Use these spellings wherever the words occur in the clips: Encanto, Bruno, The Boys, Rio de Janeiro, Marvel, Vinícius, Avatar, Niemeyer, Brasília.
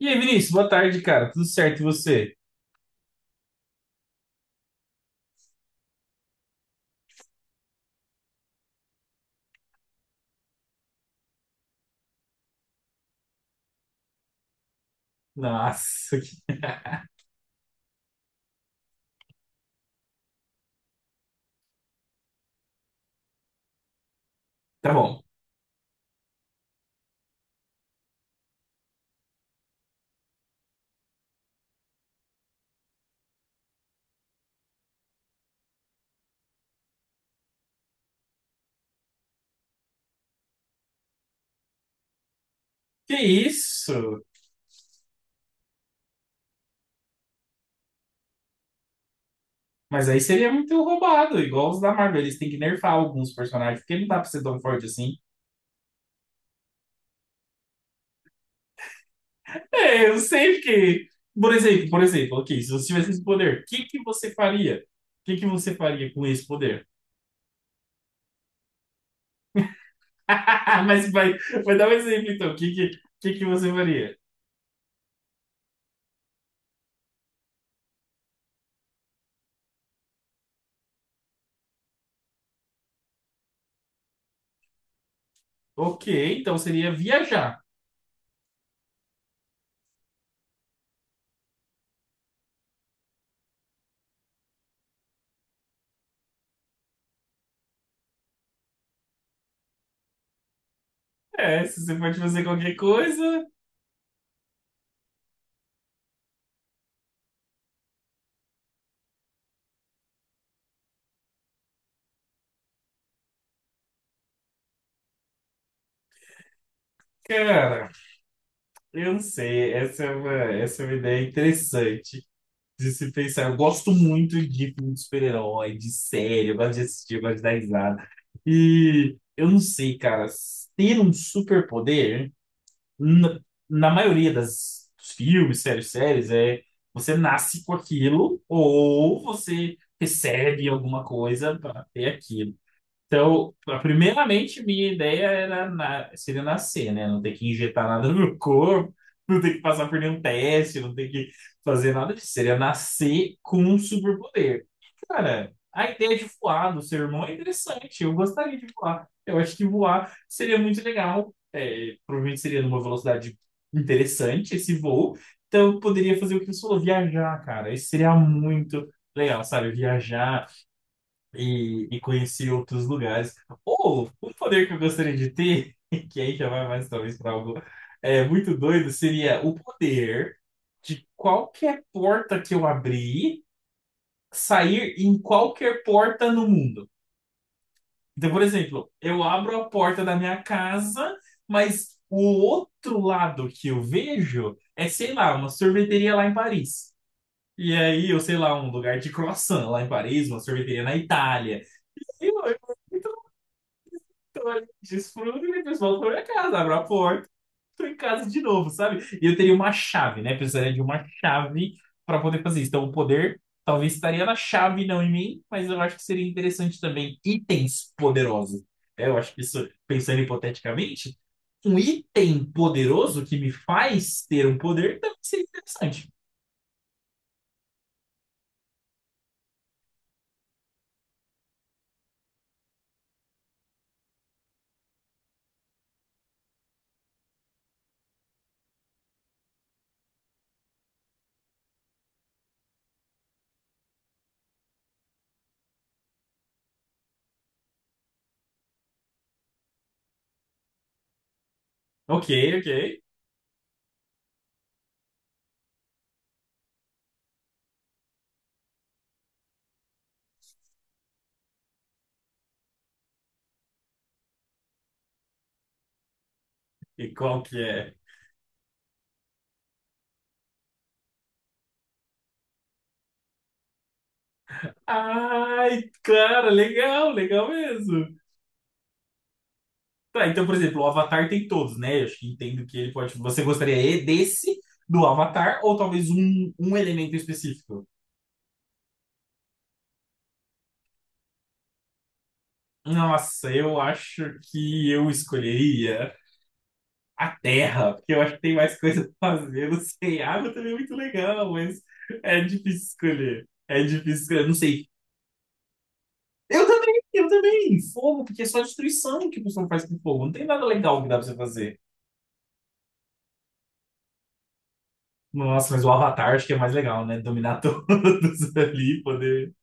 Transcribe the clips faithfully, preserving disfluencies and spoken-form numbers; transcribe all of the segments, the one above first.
E aí, Vinícius, boa tarde, cara. Tudo certo e você? Nossa, que- tá bom. Que isso? Mas aí seria muito roubado, igual os da Marvel. Eles têm que nerfar alguns personagens, porque não dá pra ser tão forte assim. É, eu sei que. Por exemplo, por exemplo, ok, se você tivesse esse poder, o que que você faria? O que que você faria com esse poder? Mas vai, vai dar um exemplo, então. O que que, o que que você faria? Ok, então seria viajar. É, se você pode fazer qualquer coisa, cara. Eu não sei, essa é uma, essa é uma ideia interessante de se pensar. Eu gosto muito de filme de super-herói, de série, eu gosto de assistir, eu gosto de dar risada. E eu não sei, cara, ter um superpoder, na, na maioria das dos filmes, séries, séries, é você nasce com aquilo ou você recebe alguma coisa para ter aquilo. Então, a- primeiramente, minha ideia era na- seria nascer, né? Não ter que injetar nada no corpo, não ter que passar por nenhum teste, não ter que fazer nada disso. Seria nascer com um superpoder. Cara, a ideia de voar do seu irmão é interessante. Eu gostaria de voar. Eu acho que voar seria muito legal. É, provavelmente seria numa velocidade interessante esse voo. Então, eu poderia fazer o que você falou, viajar, cara. Isso seria muito legal, sabe? Viajar e, e conhecer outros lugares. Ou um poder que eu gostaria de ter, que aí já vai mais talvez para algo é, muito doido, seria o poder de qualquer porta que eu abrir sair em qualquer porta no mundo. Então, por exemplo, eu abro a porta da minha casa, mas o outro lado que eu vejo é, sei lá, uma sorveteria lá em Paris. E aí, eu sei lá, um lugar de croissant lá em Paris, uma sorveteria na Itália. Eu, então, olha, desfruta e o pessoal foi pra minha casa, abre a porta, tô em casa de novo, sabe? E eu teria uma chave, né? Precisaria de uma chave para poder fazer isso. Então, o poder talvez estaria na chave, não em mim, mas eu acho que seria interessante também itens poderosos. É, eu acho que isso, pensando hipoteticamente, um item poderoso que me faz ter um poder também seria interessante. Ok, ok. E qual que é? Ai, cara, legal, legal mesmo. Tá, então, por exemplo, o Avatar tem todos, né? Eu acho que entendo que ele pode. Você gostaria e desse do Avatar ou talvez um, um elemento específico? Nossa, eu acho que eu escolheria a Terra, porque eu acho que tem mais coisa pra fazer. Não sei, água também é muito legal, mas é difícil escolher. É difícil escolher, não sei. Eu também, eu também. Fogo, porque é só destruição que o pessoal faz com fogo. Não tem nada legal que dá pra você fazer. Nossa, mas o Avatar acho que é mais legal, né? Dominar todos ali, poder.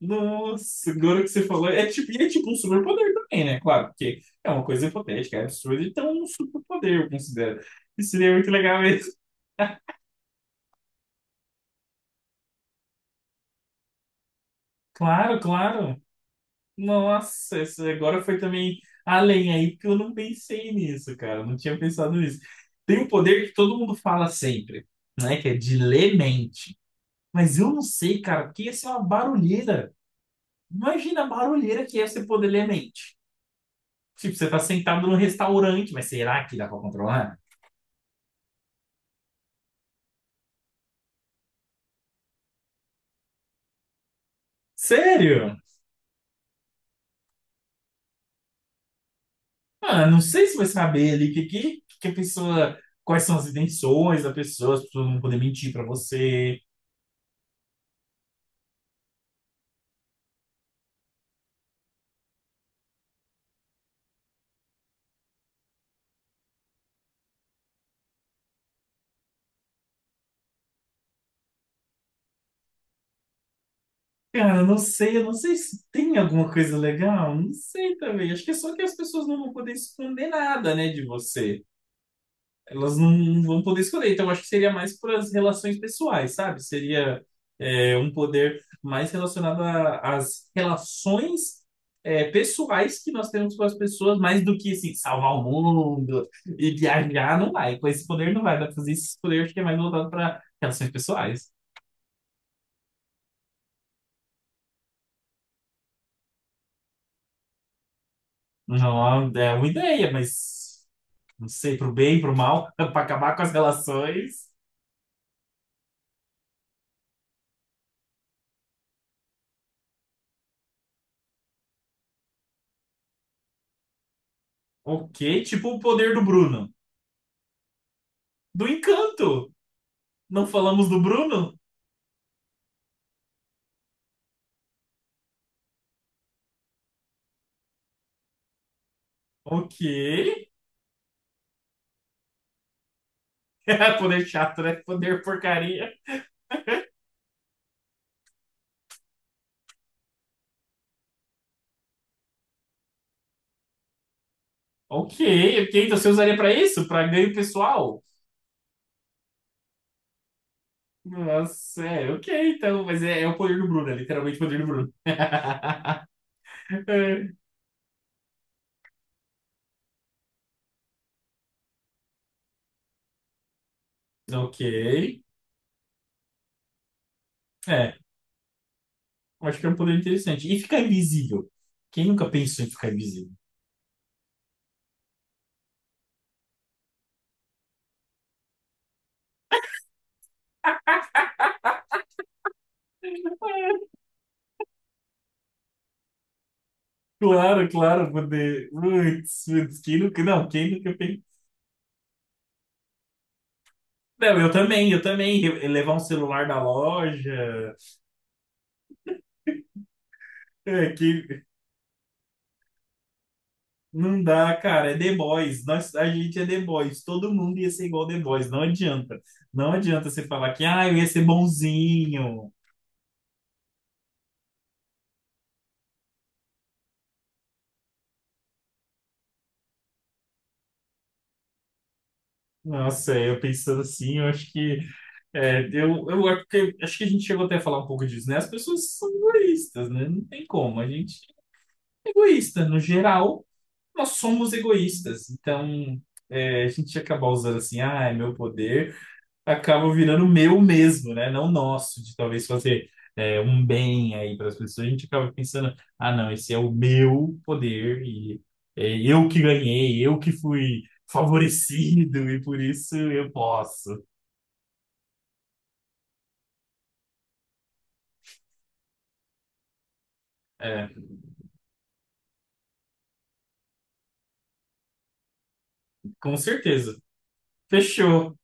Nossa, agora que você falou, é tipo, e é tipo um superpoder também, né? Claro, porque é uma coisa hipotética, é absurda, então é um superpoder, eu considero. Isso seria muito legal mesmo. Claro, claro. Nossa, essa agora foi também além aí, porque eu não pensei nisso, cara, eu não tinha pensado nisso. Tem um poder que todo mundo fala sempre, né? Que é de ler mente. Mas eu não sei, cara, porque ia ser uma barulheira. Imagina a barulheira que é você poder ler mente. Tipo, você tá sentado num restaurante, mas será que dá pra controlar? Sério? Ah, não sei se vai saber ali que, que, que a pessoa. Quais são as intenções da pessoa, as pessoas vão poder mentir pra você. Cara, eu não sei, eu não sei se tem alguma coisa legal, não sei também. Acho que é só que as pessoas não vão poder esconder nada, né, de você. Elas não vão poder escolher. Então, eu acho que seria mais para as relações pessoais, sabe? Seria é, um poder mais relacionado a- às relações é, pessoais que nós temos com as pessoas, mais do que, assim, salvar o mundo e viajar, não vai. Com esse poder não vai dar pra fazer isso. Esse poder acho que é mais voltado para relações pessoais. Não, é uma ideia, mas não sei, pro bem, pro mal, para acabar com as relações. Ok, tipo o poder do Bruno. Do encanto! Não falamos do Bruno? Ok. Poder chato, né? Poder porcaria. Ok, ok. Então você usaria pra isso? Pra ganho pessoal? Nossa, é, ok, então. Mas é, é o poder do Bruno, é literalmente o poder do Bruno. Ok. É, acho que é um poder interessante. E ficar invisível. Quem nunca pensou em ficar invisível? Claro, claro, poder. Putz, putz, quem nunca. Não, quem nunca pensou. Não, eu também, eu também. Re- Levar um celular da loja. É, que não dá, cara, é The Boys. Nós, a gente é The Boys. Todo mundo ia ser igual The Boys. Não adianta. Não adianta você falar que, ah, eu ia ser bonzinho. Nossa, eu pensando assim, eu acho que. É, eu, eu acho que acho que a gente chegou até a falar um pouco disso, né? As pessoas são egoístas, né? Não tem como. A gente é egoísta. No geral, nós somos egoístas. Então, é, a gente ia acabar usando assim, ah, é meu poder. Acaba virando meu mesmo, né? Não nosso, de talvez fazer é, um bem aí para as pessoas. A gente acaba pensando, ah, não, esse é o meu poder e é eu que ganhei, eu que fui favorecido e por isso eu posso. É, com certeza. Fechou.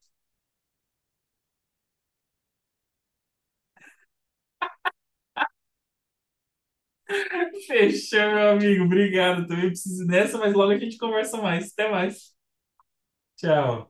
Fechou, meu amigo. Obrigado. Também preciso ir nessa, mas logo a gente conversa mais. Até mais. Tchau.